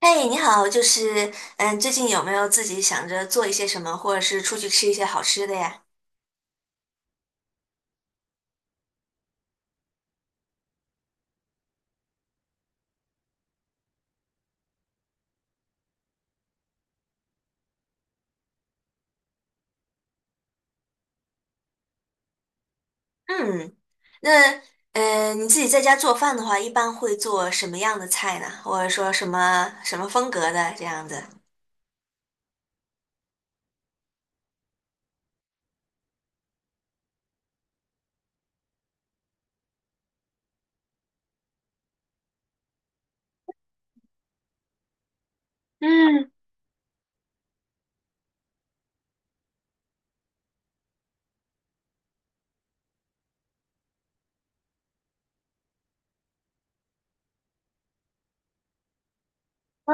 嘿，你好，最近有没有自己想着做一些什么，或者是出去吃一些好吃的呀？嗯。那你自己在家做饭的话，一般会做什么样的菜呢？或者说什么风格的这样子？嗯。哦，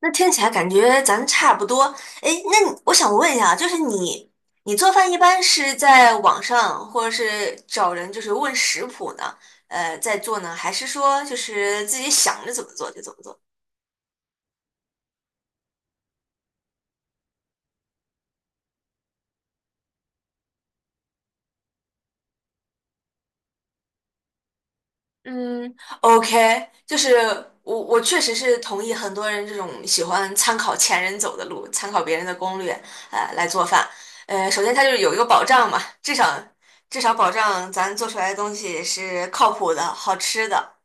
那听起来感觉咱差不多。诶，那我想问一下，就是你你做饭一般是在网上，或者是找人就是问食谱呢？在做呢，还是说就是自己想着怎么做就怎么做？嗯，OK，就是我确实是同意很多人这种喜欢参考前人走的路，参考别人的攻略，来做饭。首先它就是有一个保障嘛，至少保障咱做出来的东西是靠谱的、好吃的。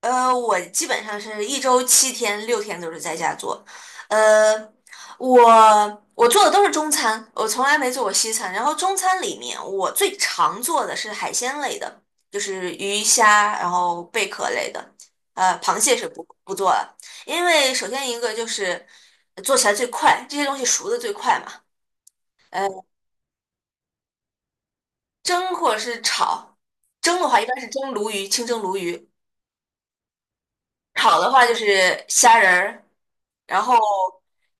我基本上是一周七天，六天都是在家做。呃，我我做的都是中餐，我从来没做过西餐。然后中餐里面，我最常做的是海鲜类的，就是鱼虾，然后贝壳类的。螃蟹是不做了，因为首先一个就是做起来最快，这些东西熟的最快嘛。呃，蒸或者是炒，蒸的话一般是蒸鲈鱼，清蒸鲈鱼；炒的话就是虾仁儿。然后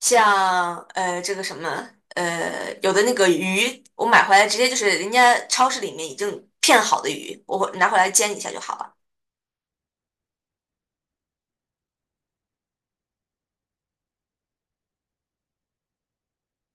像这个什么有的那个鱼，我买回来直接就是人家超市里面已经片好的鱼，我会拿回来煎一下就好了。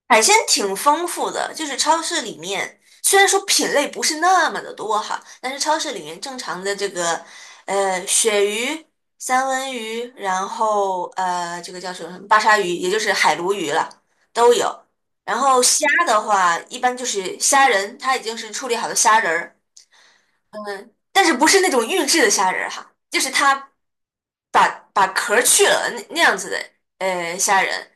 海鲜挺丰富的，就是超市里面虽然说品类不是那么的多哈，但是超市里面正常的这个鳕鱼、三文鱼，然后这个叫什么巴沙鱼，也就是海鲈鱼了，都有。然后虾的话，一般就是虾仁，它已经是处理好的虾仁儿，但是不是那种预制的虾仁儿哈，就是它把壳儿去了那样子的虾仁，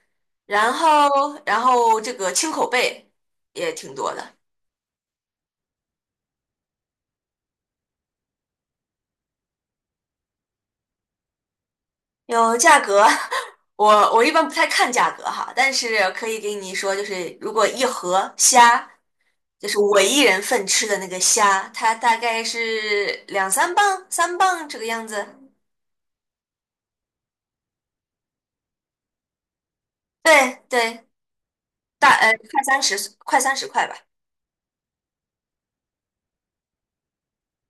然后然后这个青口贝也挺多的，有价格。我我一般不太看价格哈，但是可以给你说，就是如果一盒虾，就是我一人份吃的那个虾，它大概是两三磅、三磅这个样子。对对，快三十，快三十块吧，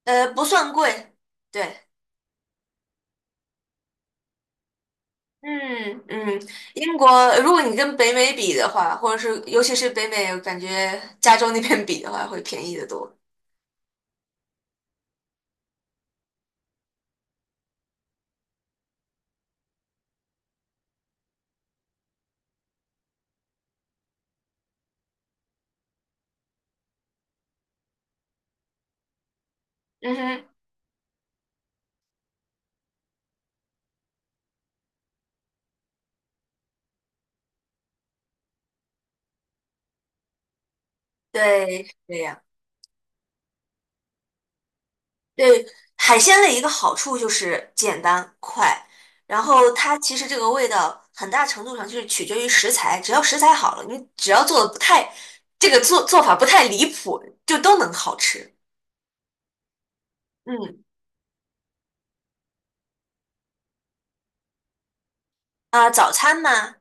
不算贵。对。嗯嗯，英国，如果你跟北美比的话，或者是尤其是北美，我感觉加州那边比的话，会便宜得多。嗯哼。对，是这样。对，海鲜的一个好处就是简单快，然后它其实这个味道很大程度上就是取决于食材，只要食材好了，你只要做的不太，这个做法不太离谱，就都能好吃。嗯。早餐嘛，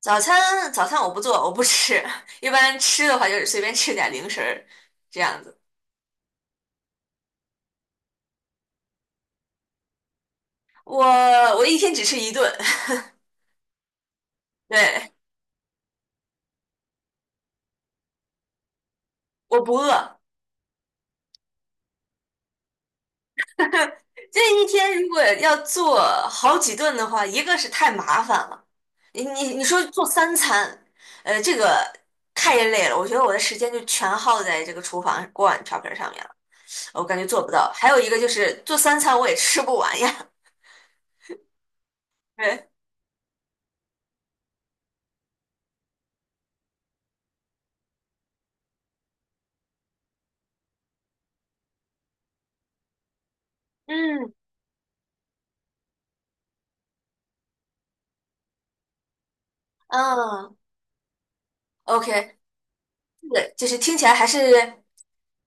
早餐我不做，我不吃，一般吃的话就是随便吃点零食儿这样子。我我一天只吃一顿，对，我不饿。这一天如果要做好几顿的话，一个是太麻烦了，你说做三餐，这个太累了。我觉得我的时间就全耗在这个厨房锅碗瓢盆上面了，我感觉做不到。还有一个就是做三餐我也吃不完呀，对。嗯嗯。OK。对，就是听起来还是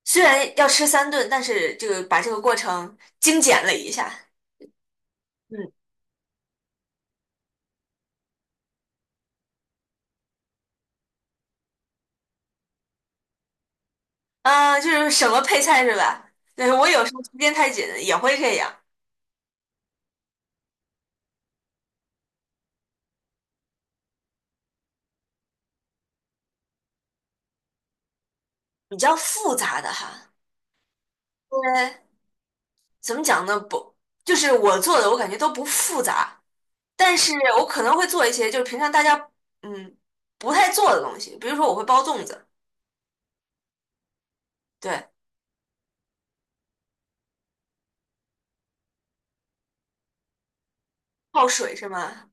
虽然要吃三顿，但是这个把这个过程精简了一下。嗯。啊，就是什么配菜是吧？对，我有时候时间太紧也会这样。比较复杂的哈。呃，怎么讲呢？不，就是我做的我感觉都不复杂，但是我可能会做一些就是平常大家嗯不太做的东西，比如说我会包粽子。对，泡水是吗？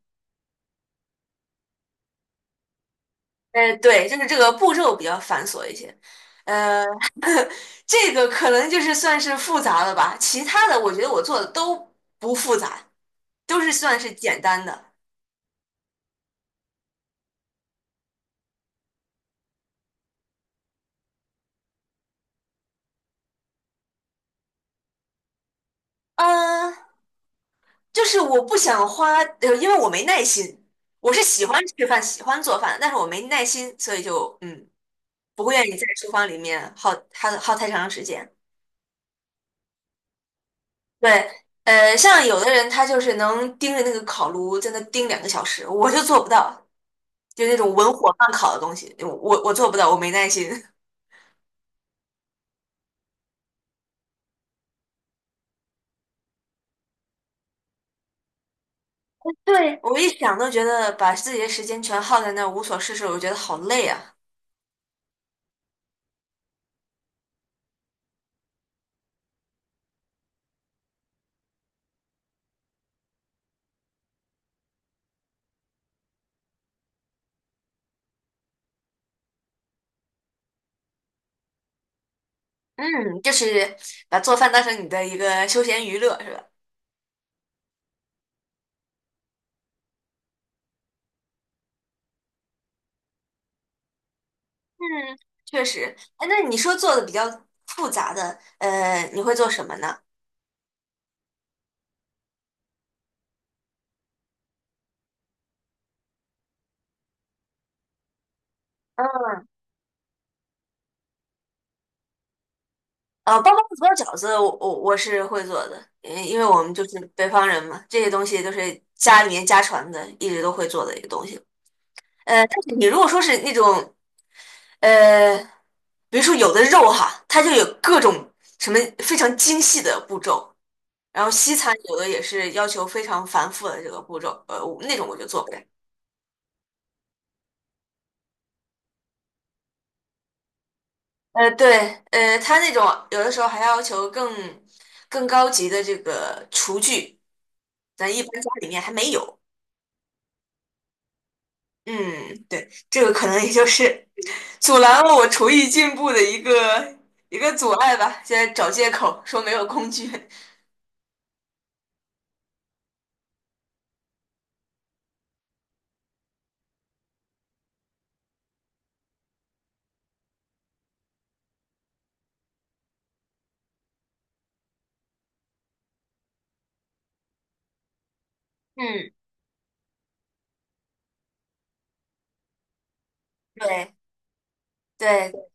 对，就是这个步骤比较繁琐一些。呃。这个可能就是算是复杂了吧，其他的我觉得我做的都不复杂，都是算是简单的。嗯，就是我不想花，因为我没耐心。我是喜欢吃饭，喜欢做饭，但是我没耐心，所以就不会愿意在厨房里面耗太长时间。对，像有的人他就是能盯着那个烤炉在那盯两个小时，我就做不到，就那种文火慢烤的东西，我我做不到，我没耐心。对，我一想都觉得把自己的时间全耗在那儿无所事事，我觉得好累啊。嗯，就是把做饭当成你的一个休闲娱乐，是吧？嗯，确实。哎，那你说做的比较复杂的，你会做什么呢？嗯。包包子、包饺子我我是会做的，因为我们就是北方人嘛，这些东西都是家里面家传的，一直都会做的一个东西。但是你如果说是那种呃，比如说有的肉哈，它就有各种什么非常精细的步骤，然后西餐有的也是要求非常繁复的这个步骤，我那种我就做不来。对,它那种有的时候还要求更高级的这个厨具，咱一般家里面还没有。嗯，对，这个可能也就是阻拦了我厨艺进步的一个阻碍吧，现在找借口说没有工具。嗯，对对。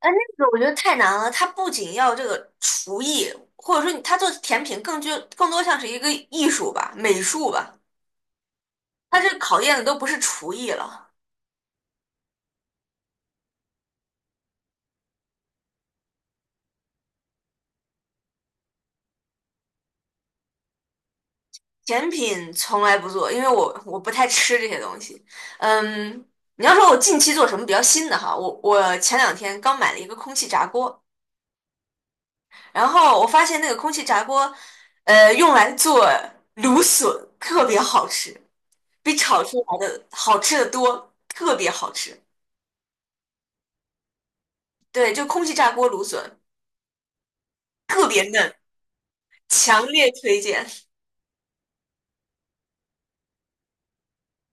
哎，那个我觉得太难了。它不仅要这个厨艺，或者说你它做甜品更就更多像是一个艺术吧、美术吧。它这考验的都不是厨艺了。甜品从来不做，因为我不太吃这些东西。嗯，你要说我近期做什么比较新的哈，我前两天刚买了一个空气炸锅，然后我发现那个空气炸锅，用来做芦笋特别好吃，比炒出来的好吃的多，特别好吃。对，就空气炸锅芦笋，特别嫩，强烈推荐。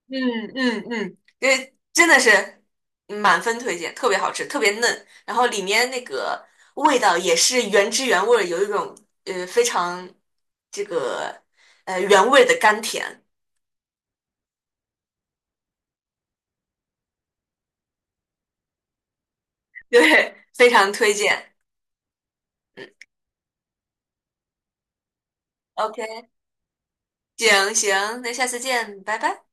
嗯嗯嗯，因为真的是满分推荐，特别好吃，特别嫩，然后里面那个味道也是原汁原味儿，有一种非常这个原味的甘甜，对，非常推荐。OK，行行，那下次见，拜拜。